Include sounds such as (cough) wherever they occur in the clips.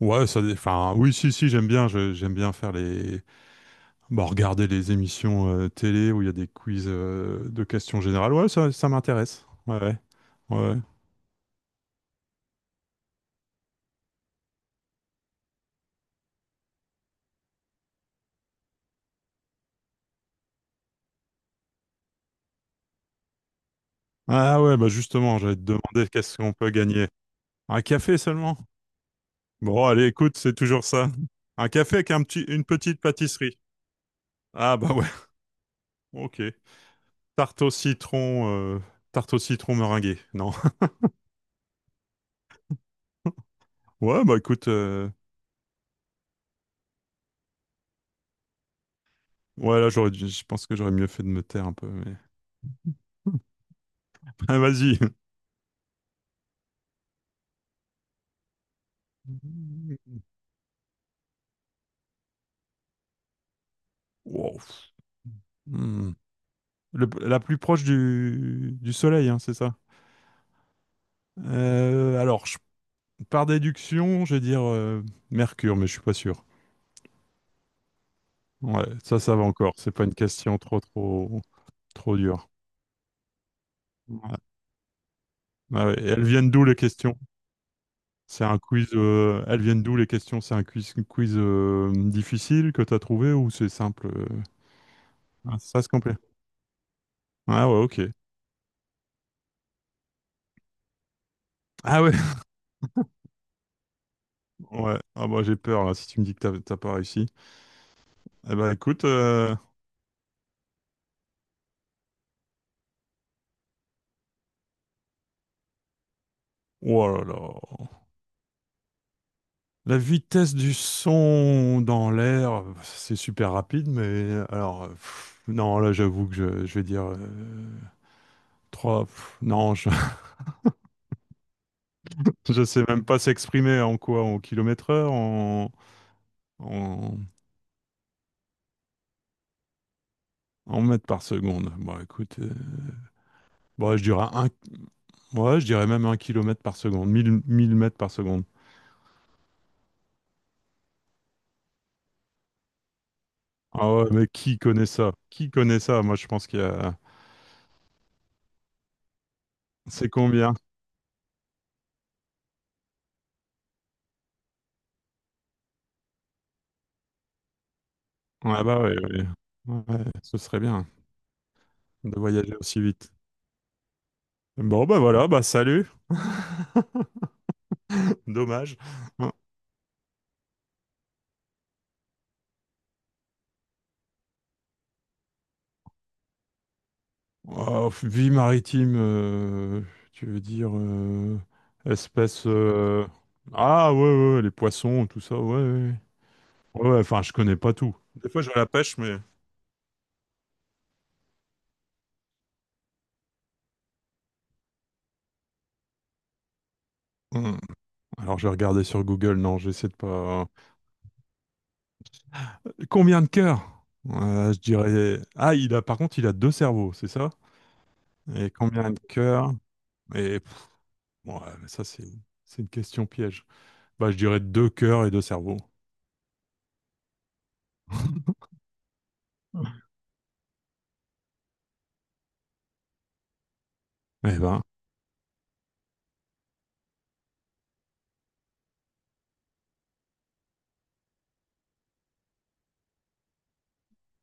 Ouais, ça, enfin, oui, si, si, j'aime bien, j'aime bien faire bah, regarder les émissions télé où il y a des quiz de questions générales. Ouais, ça m'intéresse. Ouais, ouais, ouais. Ah ouais, bah justement, j'allais te demander qu'est-ce qu'on peut gagner. Un café seulement? Bon, allez, écoute, c'est toujours ça. Un café avec une petite pâtisserie. Ah bah ouais, (laughs) ok. Tarte au citron, euh, tarte au citron meringuée. Non. (laughs) Ouais, bah écoute, ouais, là, je pense que j'aurais mieux fait de me taire un peu, mais. (laughs) Ah, vas-y. Wow. Hmm. La plus proche du Soleil, hein, c'est ça? Alors, par déduction, je vais dire Mercure, mais je suis pas sûr. Ouais, ça va encore. C'est pas une question trop, trop, trop dure. Ouais. Ouais, ouais. Et elles viennent d'où, les questions? C'est un quiz. Elles viennent d'où, les questions? C'est un quiz, difficile que tu as trouvé ou c'est simple? Ah, ça se complète. Ah ouais, ok. Ah ouais. (laughs) Ouais. Ah bah j'ai peur là. Si tu me dis que t'as pas réussi. Eh ben écoute. Oh là là. La vitesse du son dans l'air, c'est super rapide, mais alors, non, là, j'avoue que je vais dire trois. Non, (laughs) je sais même pas s'exprimer en quoi, en kilomètres heure, en, en mètres par seconde. Bon, écoute, bon, je dirais ouais, je dirais même un kilomètre par seconde, 1000 mètres par seconde. Ah ouais, mais qui connaît ça? Qui connaît ça? Moi, je pense qu'il y a. C'est combien? Ah bah oui, ouais. Ouais, ce serait bien de voyager aussi vite. Bon, bah voilà, bah salut, (laughs) dommage. Hein. Oh, vie maritime, tu veux dire espèce... Ah ouais, ouais, ouais, les poissons, tout ça, ouais, ouais. Ouais, ouais, enfin, je connais pas tout. Des fois, je vais à la pêche, mais... Hmm. Alors, je vais regarder sur Google, non, j'essaie de pas... hein. Combien de cœurs? Je dirais... Ah, il a, par contre, il a deux cerveaux, c'est ça? Et combien de cœurs? Et ouais, mais ça, c'est une question piège. Bah, je dirais deux cœurs et deux cerveaux. Eh ben,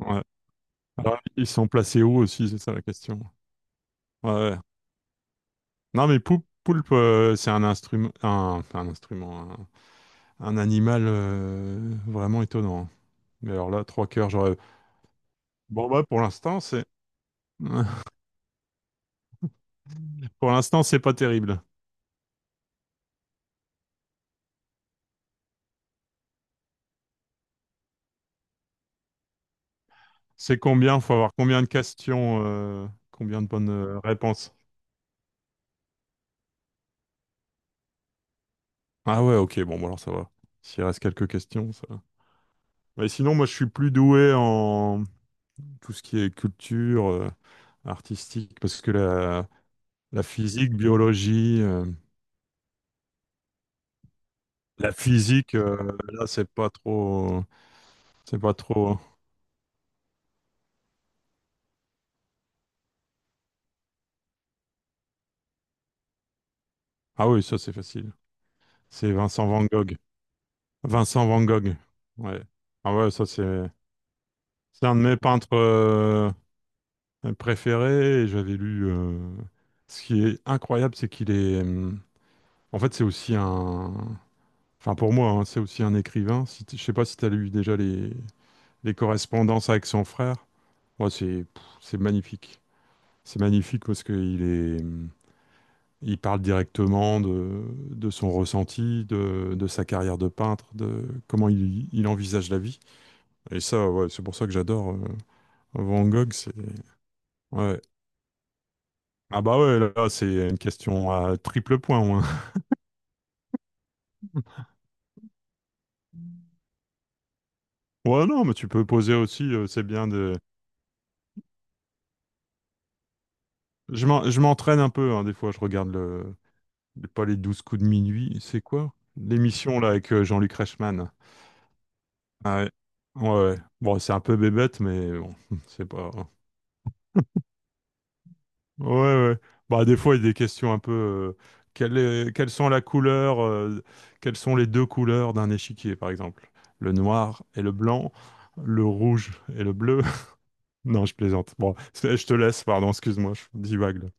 ouais. Alors, ils sont placés où aussi, c'est ça la question. Ouais, ouais. Non, mais poulpe, c'est un instrument, enfin, un instrument, un animal vraiment étonnant. Mais alors là, trois cœurs, j'aurais. Bon bah, (laughs) pour l'instant, c'est pas terrible. C'est combien? Faut avoir combien de questions, combien de bonnes réponses? Ah ouais, ok, bon, bah, alors ça va. S'il reste quelques questions, ça va. Mais sinon, moi, je suis plus doué en, tout ce qui est culture artistique, parce que la physique, biologie, la physique, là, c'est pas trop, c'est pas trop. Ah oui, ça c'est facile. C'est Vincent Van Gogh. Vincent Van Gogh. Ouais. Ah ouais, c'est un de mes peintres préférés. Et j'avais lu. Ce qui est incroyable, c'est qu'il est. En fait, c'est aussi un. Enfin, pour moi, hein, c'est aussi un écrivain. Si je sais pas si tu as lu déjà les correspondances avec son frère. Ouais, c'est magnifique. C'est magnifique parce il parle directement de son ressenti, de sa carrière de peintre, de comment il envisage la vie. Et ça, ouais, c'est pour ça que j'adore Van Gogh. Ouais. Ah bah ouais, là, c'est une question à triple point. Ouais. (laughs) Ouais, non, mais tu peux poser aussi, c'est bien de... Je je m'entraîne un peu, hein, des fois, je regarde pas les 12 coups de minuit, c'est quoi? L'émission là avec Jean-Luc Reichmann. Ah ouais. Ouais, ouais. Bon, c'est un peu bébête, mais bon, (laughs) c'est pas. Ouais, ouais. Bah, des fois, il y a des questions un peu. Quelles sont la couleur, quelles sont les deux couleurs d'un échiquier, par exemple? Le noir et le blanc, le rouge et le bleu. (laughs) Non, je plaisante. Bon, je te laisse, pardon, excuse-moi, je divague là.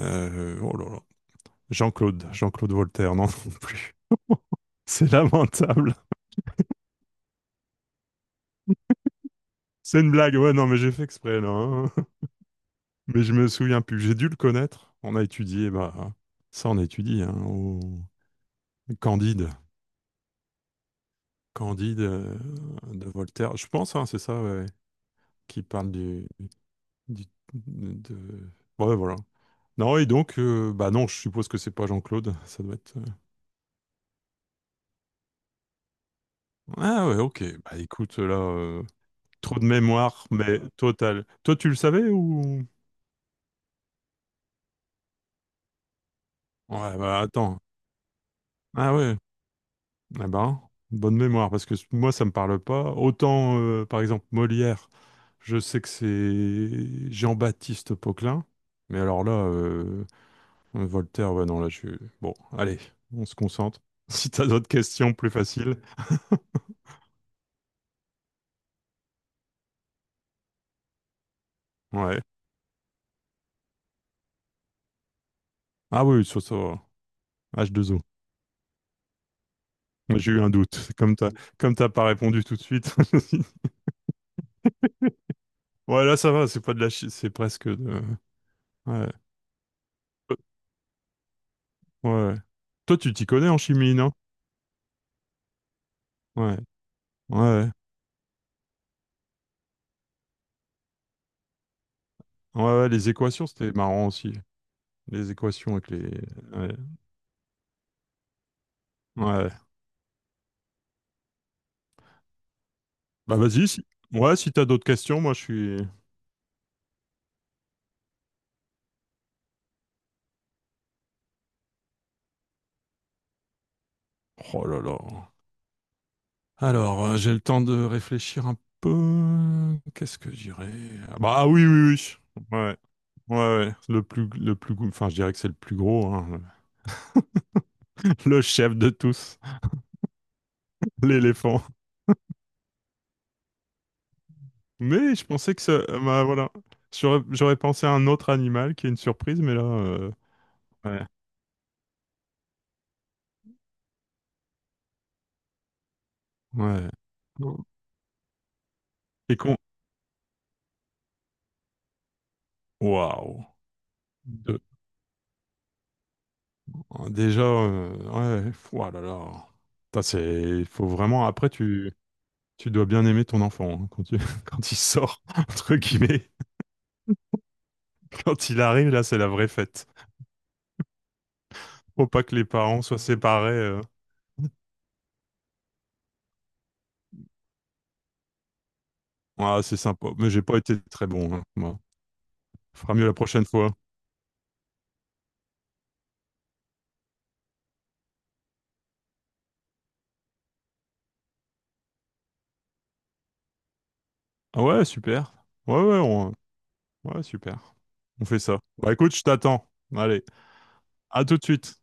Oh là là. Jean-Claude, Jean-Claude Voltaire, non, (laughs) non plus. C'est lamentable. C'est une blague, ouais, non, mais j'ai fait exprès, là, hein. (laughs) Mais je me souviens plus. J'ai dû le connaître. On a étudié, bah, ça, on étudie, hein, au Candide. Candide de Voltaire. Je pense, hein, c'est ça, ouais, qui parle du- de... Ouais, voilà. Non, et donc, bah non, je suppose que c'est pas Jean-Claude, ça doit être... Ah ouais, ok. Bah écoute, là, trop de mémoire, mais total. Toi, tu le savais ou... Ouais, bah attends. Ah ouais. Eh ben, bonne mémoire, parce que moi, ça me parle pas. Autant, par exemple, Molière, je sais que c'est Jean-Baptiste Poquelin, mais alors là, Voltaire, ouais, non, là, je... Bon, allez, on se concentre. (laughs) Si t'as d'autres questions plus faciles, ouais. Ah oui, sur ça, H2O. Moi, j'ai eu un doute, (laughs) comme t'as pas répondu tout de suite. (laughs) Ouais, là, ça va, c'est pas de la c'est presque de... Ouais, ouais. Toi, tu t'y connais en chimie, non? Ouais, ouais. Ouais, ouais, les équations, c'était marrant aussi. Les équations avec les... Ouais. Ouais. Bah vas-y, si... Ouais, si t'as d'autres questions, moi je suis... Oh là là. Alors, j'ai le temps de réfléchir un peu. Qu'est-ce que je dirais? Ah bah, ah oui, oui, oui. Ouais. Ouais, ouais. Le plus... enfin, je dirais que c'est le plus gros, hein. (laughs) Le chef de tous, (laughs) l'éléphant. Mais je pensais que ça... Bah voilà. J'aurais pensé à un autre animal qui est une surprise, mais là... ouais. Ouais. Et qu'on... Waouh. Deux. Déjà, ouais, ouah là là. Putain, c'est, il faut vraiment. Après, tu dois bien aimer ton enfant, hein, (laughs) quand il sort, (laughs) entre guillemets. Quand il arrive, là, c'est la vraie fête. Faut pas que les parents soient séparés. Ah, c'est sympa. Mais j'ai pas été très bon, hein, moi. Fera mieux la prochaine fois. Ah ouais, super. Ouais, ouais, ouais, super. On fait ça. Bah écoute, je t'attends. Allez, à tout de suite.